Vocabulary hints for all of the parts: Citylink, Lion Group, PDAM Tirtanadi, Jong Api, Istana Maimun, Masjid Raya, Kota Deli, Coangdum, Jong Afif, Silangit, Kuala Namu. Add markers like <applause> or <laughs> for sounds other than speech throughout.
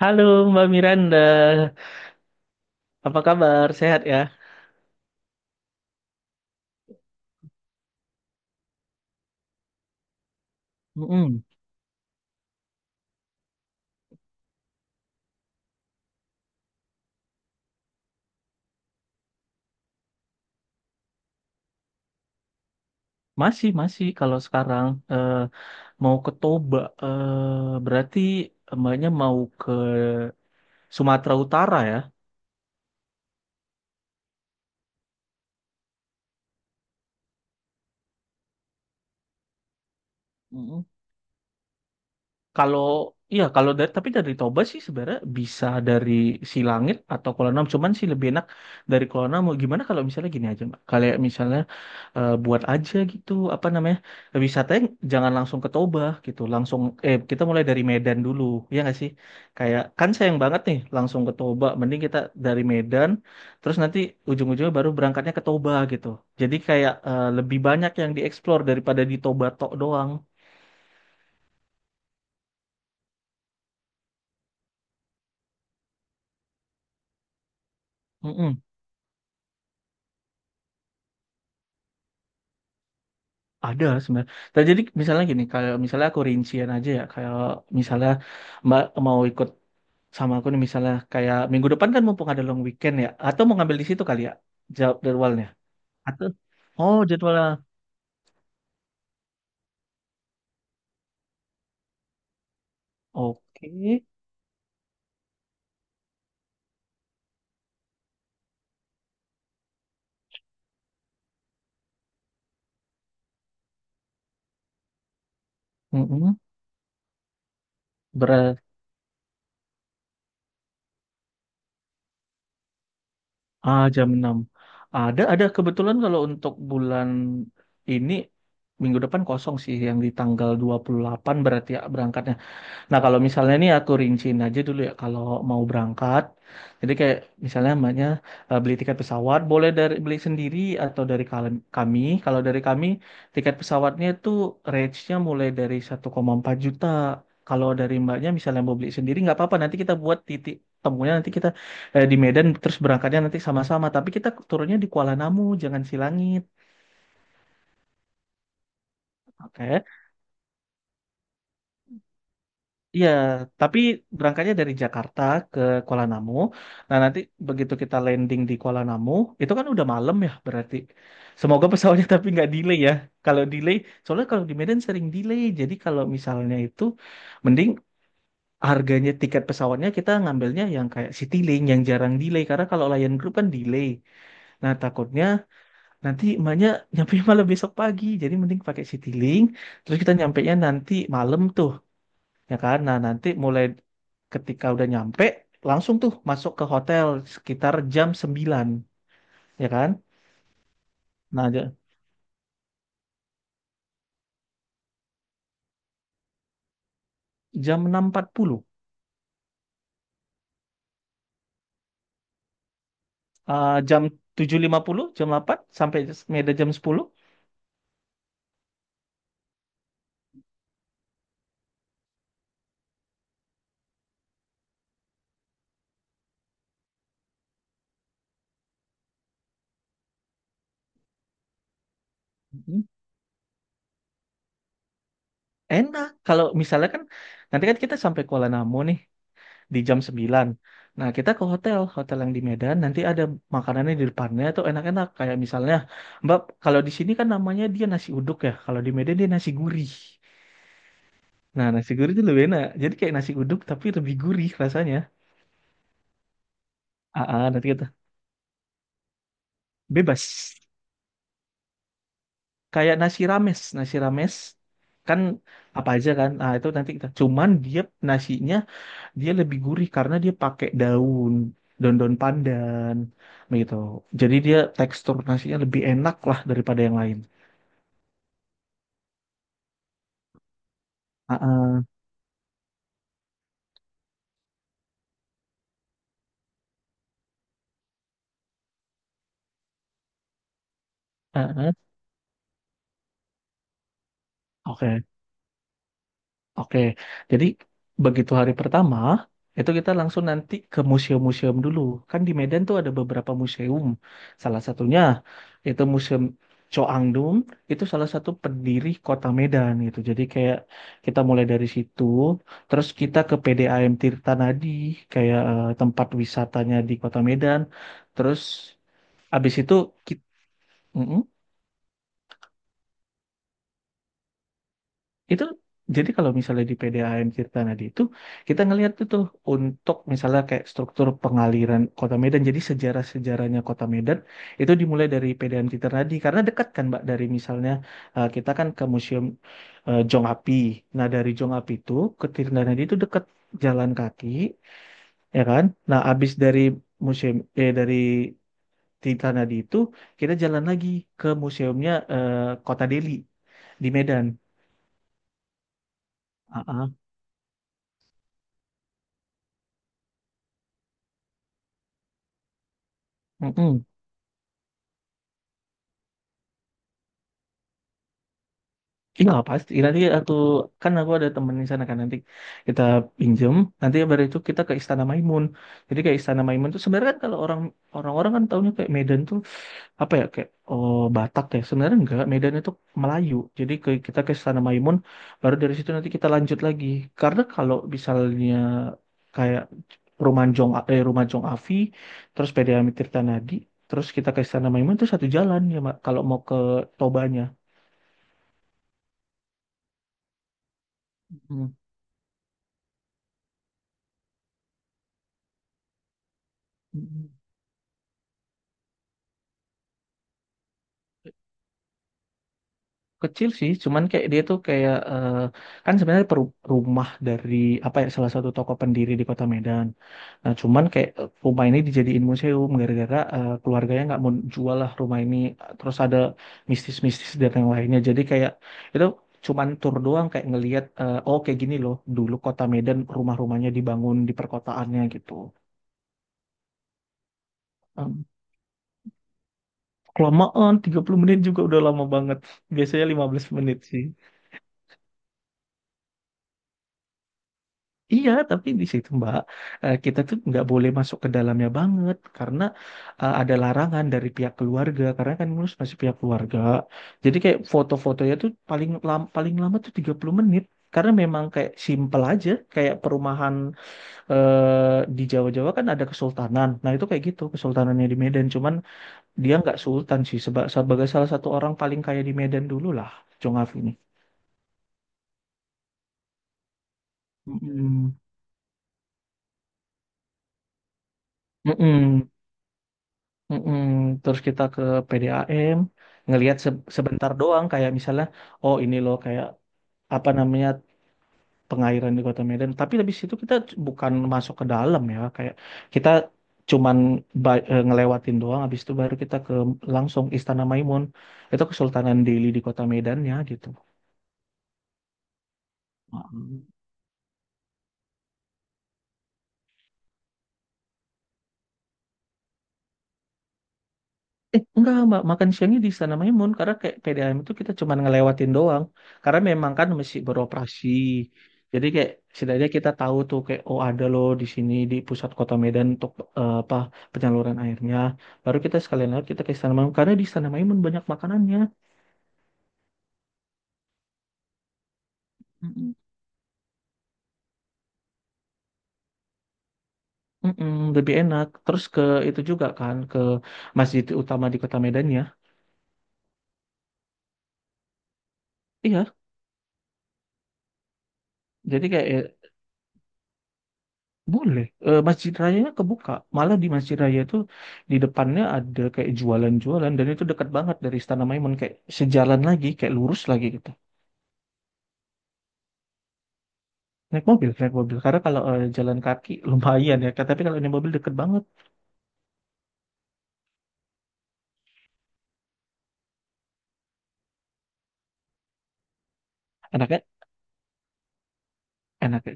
Halo Mbak Miranda, apa kabar? Sehat ya? Mm-mm. Masih, masih. Kalau sekarang eh, mau ke Toba, berarti Mbaknya mau ke Sumatera Utara ya? Mm-mm. Kalau iya, kalau dari tapi dari Toba sih sebenarnya bisa dari Silangit atau Kuala Namu. Cuman sih lebih enak dari Kuala Namu. Gimana kalau misalnya gini aja Mbak? Kalau misalnya buat aja gitu apa namanya, wisatanya jangan langsung ke Toba gitu, langsung kita mulai dari Medan dulu, ya nggak sih? Kayak kan sayang banget nih langsung ke Toba, mending kita dari Medan, terus nanti ujung-ujungnya baru berangkatnya ke Toba gitu. Jadi kayak lebih banyak yang dieksplor daripada di Toba tok doang. Mm-mm. Ada sebenarnya. Nah jadi misalnya gini, kalau misalnya aku rincian aja ya, kalau misalnya Mbak mau ikut sama aku nih misalnya kayak minggu depan, kan mumpung ada long weekend ya, atau mau ngambil di situ kali ya, jawab jadwalnya atau oh jadwalnya, oke. Mm-mm. Berat. Ah, jam 6. Ada kebetulan, kalau untuk bulan ini, minggu depan kosong sih yang di tanggal 28, berarti ya berangkatnya. Nah, kalau misalnya ini aku rinciin aja dulu ya, kalau mau berangkat, jadi kayak misalnya mbaknya beli tiket pesawat, boleh dari beli sendiri atau dari kami. Kalau dari kami, tiket pesawatnya itu range-nya mulai dari 1,4 juta. Kalau dari mbaknya misalnya mau beli sendiri, nggak apa-apa, nanti kita buat titik temunya, nanti kita di Medan, terus berangkatnya nanti sama-sama. Tapi kita turunnya di Kuala Namu, jangan Silangit. Oke. Iya, tapi berangkatnya dari Jakarta ke Kuala Namu. Nah, nanti begitu kita landing di Kuala Namu, itu kan udah malam ya berarti. Semoga pesawatnya <laughs> tapi nggak delay ya. Kalau delay, soalnya kalau di Medan sering delay. Jadi kalau misalnya itu, mending harganya tiket pesawatnya kita ngambilnya yang kayak Citylink yang jarang delay. Karena kalau Lion Group kan delay. Nah, takutnya nanti emaknya <laughs> nyampe malam besok pagi. Jadi mending pakai Citylink. Terus kita nyampenya nanti malam tuh, ya kan? Nah, nanti mulai ketika udah nyampe, langsung tuh masuk ke hotel sekitar jam 9, ya kan? Nah, jam 6.40, jam 7:50, jam 8, sampai Medan jam 10. Mhm. Enak. Kalau misalnya kan nanti kan kita sampai Kuala Namu nih di jam 9. Nah, kita ke hotel, hotel yang di Medan nanti ada makanannya di depannya tuh enak-enak, kayak misalnya Mbak, kalau di sini kan namanya dia nasi uduk ya, kalau di Medan dia nasi gurih. Nah, nasi gurih itu lebih enak. Jadi kayak nasi uduk tapi lebih gurih rasanya. Ah, ah, nanti kita bebas. Kayak nasi rames kan apa aja kan? Ah, itu nanti kita. Cuman dia nasinya dia lebih gurih karena dia pakai daun, daun-daun pandan begitu. Jadi dia tekstur nasinya lebih enak lah daripada yang lain. Ah, ah, ah, ah. Oke. Oke, jadi begitu hari pertama itu kita langsung nanti ke museum-museum dulu. Kan di Medan tuh ada beberapa museum. Salah satunya itu Museum Coangdum, itu salah satu pendiri kota Medan gitu. Jadi kayak kita mulai dari situ, terus kita ke PDAM Tirtanadi, kayak tempat wisatanya di kota Medan. Terus abis itu kita, Itu jadi kalau misalnya di PDAM Tirta Nadi itu kita ngelihat tuh tuh untuk misalnya kayak struktur pengaliran Kota Medan. Jadi sejarah-sejarahnya Kota Medan itu dimulai dari PDAM Tirta Nadi karena dekat kan Mbak, dari misalnya kita kan ke Museum Jong Api. Nah, dari Jong Api itu ke Tirta Nadi itu dekat, jalan kaki, ya kan? Nah, abis dari museum eh dari Tirta Nadi itu kita jalan lagi ke museumnya Kota Deli di Medan. Ah, ah. Mm-mm. Iya pasti, nanti aku, kan aku ada temen di sana kan, nanti kita pinjem, nanti baru itu kita ke Istana Maimun. Jadi kayak Istana Maimun tuh sebenarnya kan, kalau orang-orang kan taunya kayak Medan tuh apa ya, kayak oh, Batak ya, sebenarnya enggak, Medan itu Melayu. Jadi kita ke Istana Maimun, baru dari situ nanti kita lanjut lagi. Karena kalau misalnya kayak Rumah Jong Afi terus PDAM Tirta Nadi terus kita ke Istana Maimun itu satu jalan ya Mak, kalau mau ke Tobanya. Hmm. Kecil sih, cuman kayak dia tuh kayak kan sebenarnya rumah dari apa ya, salah satu tokoh pendiri di Kota Medan. Nah cuman kayak rumah ini dijadiin museum gara-gara keluarganya nggak mau jual lah rumah ini. Terus ada mistis-mistis dan yang lainnya, jadi kayak itu cuman tur doang, kayak ngelihat oh kayak gini loh dulu Kota Medan rumah-rumahnya dibangun di perkotaannya gitu. Em, Kelamaan 30 menit juga udah lama banget, biasanya 15 menit sih. Iya, tapi di situ Mbak, kita tuh nggak boleh masuk ke dalamnya banget karena ada larangan dari pihak keluarga, karena kan ngurus masih pihak keluarga. Jadi kayak foto-fotonya tuh paling lama tuh 30 menit, karena memang kayak simpel aja, kayak perumahan di Jawa-Jawa kan ada kesultanan. Nah, itu kayak gitu kesultanannya di Medan, cuman dia nggak sultan sih, sebagai salah satu orang paling kaya di Medan dulu lah, Jong Afif ini. Mm-mm. Mm-mm. Mm-mm. Terus kita ke PDAM, ngelihat sebentar doang kayak misalnya, oh ini loh kayak apa namanya, pengairan di Kota Medan. Tapi habis itu kita bukan masuk ke dalam ya, kayak kita cuman ngelewatin doang. Habis itu baru kita ke langsung Istana Maimun. Itu Kesultanan Delhi di Kota Medannya gitu. Eh, enggak, Mbak. Makan siangnya di Istana Maimun. Karena kayak PDAM itu kita cuma ngelewatin doang. Karena memang kan masih beroperasi. Jadi kayak setidaknya kita tahu tuh, kayak oh ada loh di sini di pusat kota Medan untuk apa, penyaluran airnya. Baru kita sekalian lewat kita ke Istana Maimun. Karena di Istana Maimun banyak makanannya. Mm-mm. Mm-mm, lebih enak. Terus ke itu juga kan ke masjid utama di kota Medan ya. Iya. Jadi kayak, boleh. Eh, Masjid Rayanya kebuka. Malah di Masjid Raya itu di depannya ada kayak jualan-jualan, dan itu dekat banget dari Istana Maimun, kayak sejalan lagi, kayak lurus lagi gitu. Naik mobil, naik mobil. Karena kalau jalan kaki <laughs> lumayan ya, tapi kalau naik mobil deket banget. Enaknya, enaknya,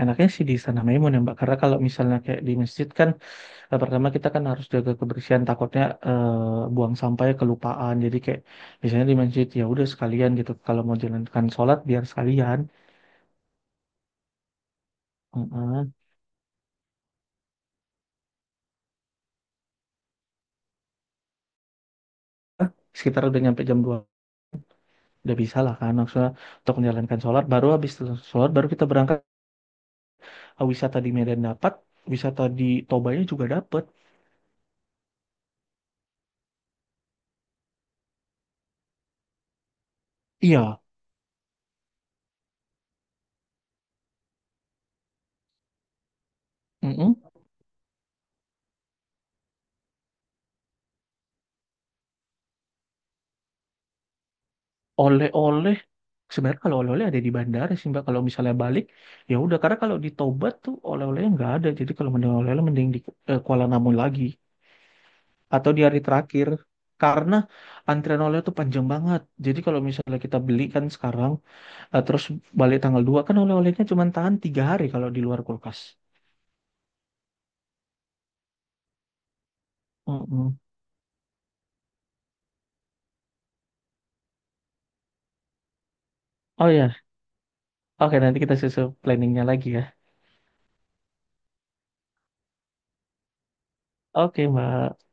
enaknya sih di Istana Maimun ya Mbak. Karena kalau misalnya kayak di masjid kan, pertama kita kan harus jaga kebersihan. Takutnya buang sampahnya kelupaan. Jadi kayak misalnya di masjid ya udah sekalian gitu. Kalau mau jalankan sholat biar sekalian. Heeh. Sekitar udah nyampe jam 2 udah bisa lah kan, maksudnya untuk menjalankan sholat, baru habis sholat baru kita berangkat. Ah, wisata di Medan dapat, wisata di Tobanya juga dapat. Iya. Mm-mm. Oleh-oleh, sebenarnya kalau oleh-oleh ada di bandara sih Mbak, kalau misalnya balik, ya udah, karena kalau di Toba tuh oleh-olehnya nggak ada. Jadi kalau mending oleh-oleh, mending di Kuala Namu lagi atau di hari terakhir, karena antrian oleh tuh panjang banget. Jadi kalau misalnya kita beli kan sekarang, nah, terus balik tanggal 2, kan oleh-olehnya cuma tahan 3 hari kalau di luar kulkas. Mm-mm. Oh ya, oke, nanti kita susun planningnya lagi ya. Oke Mbak.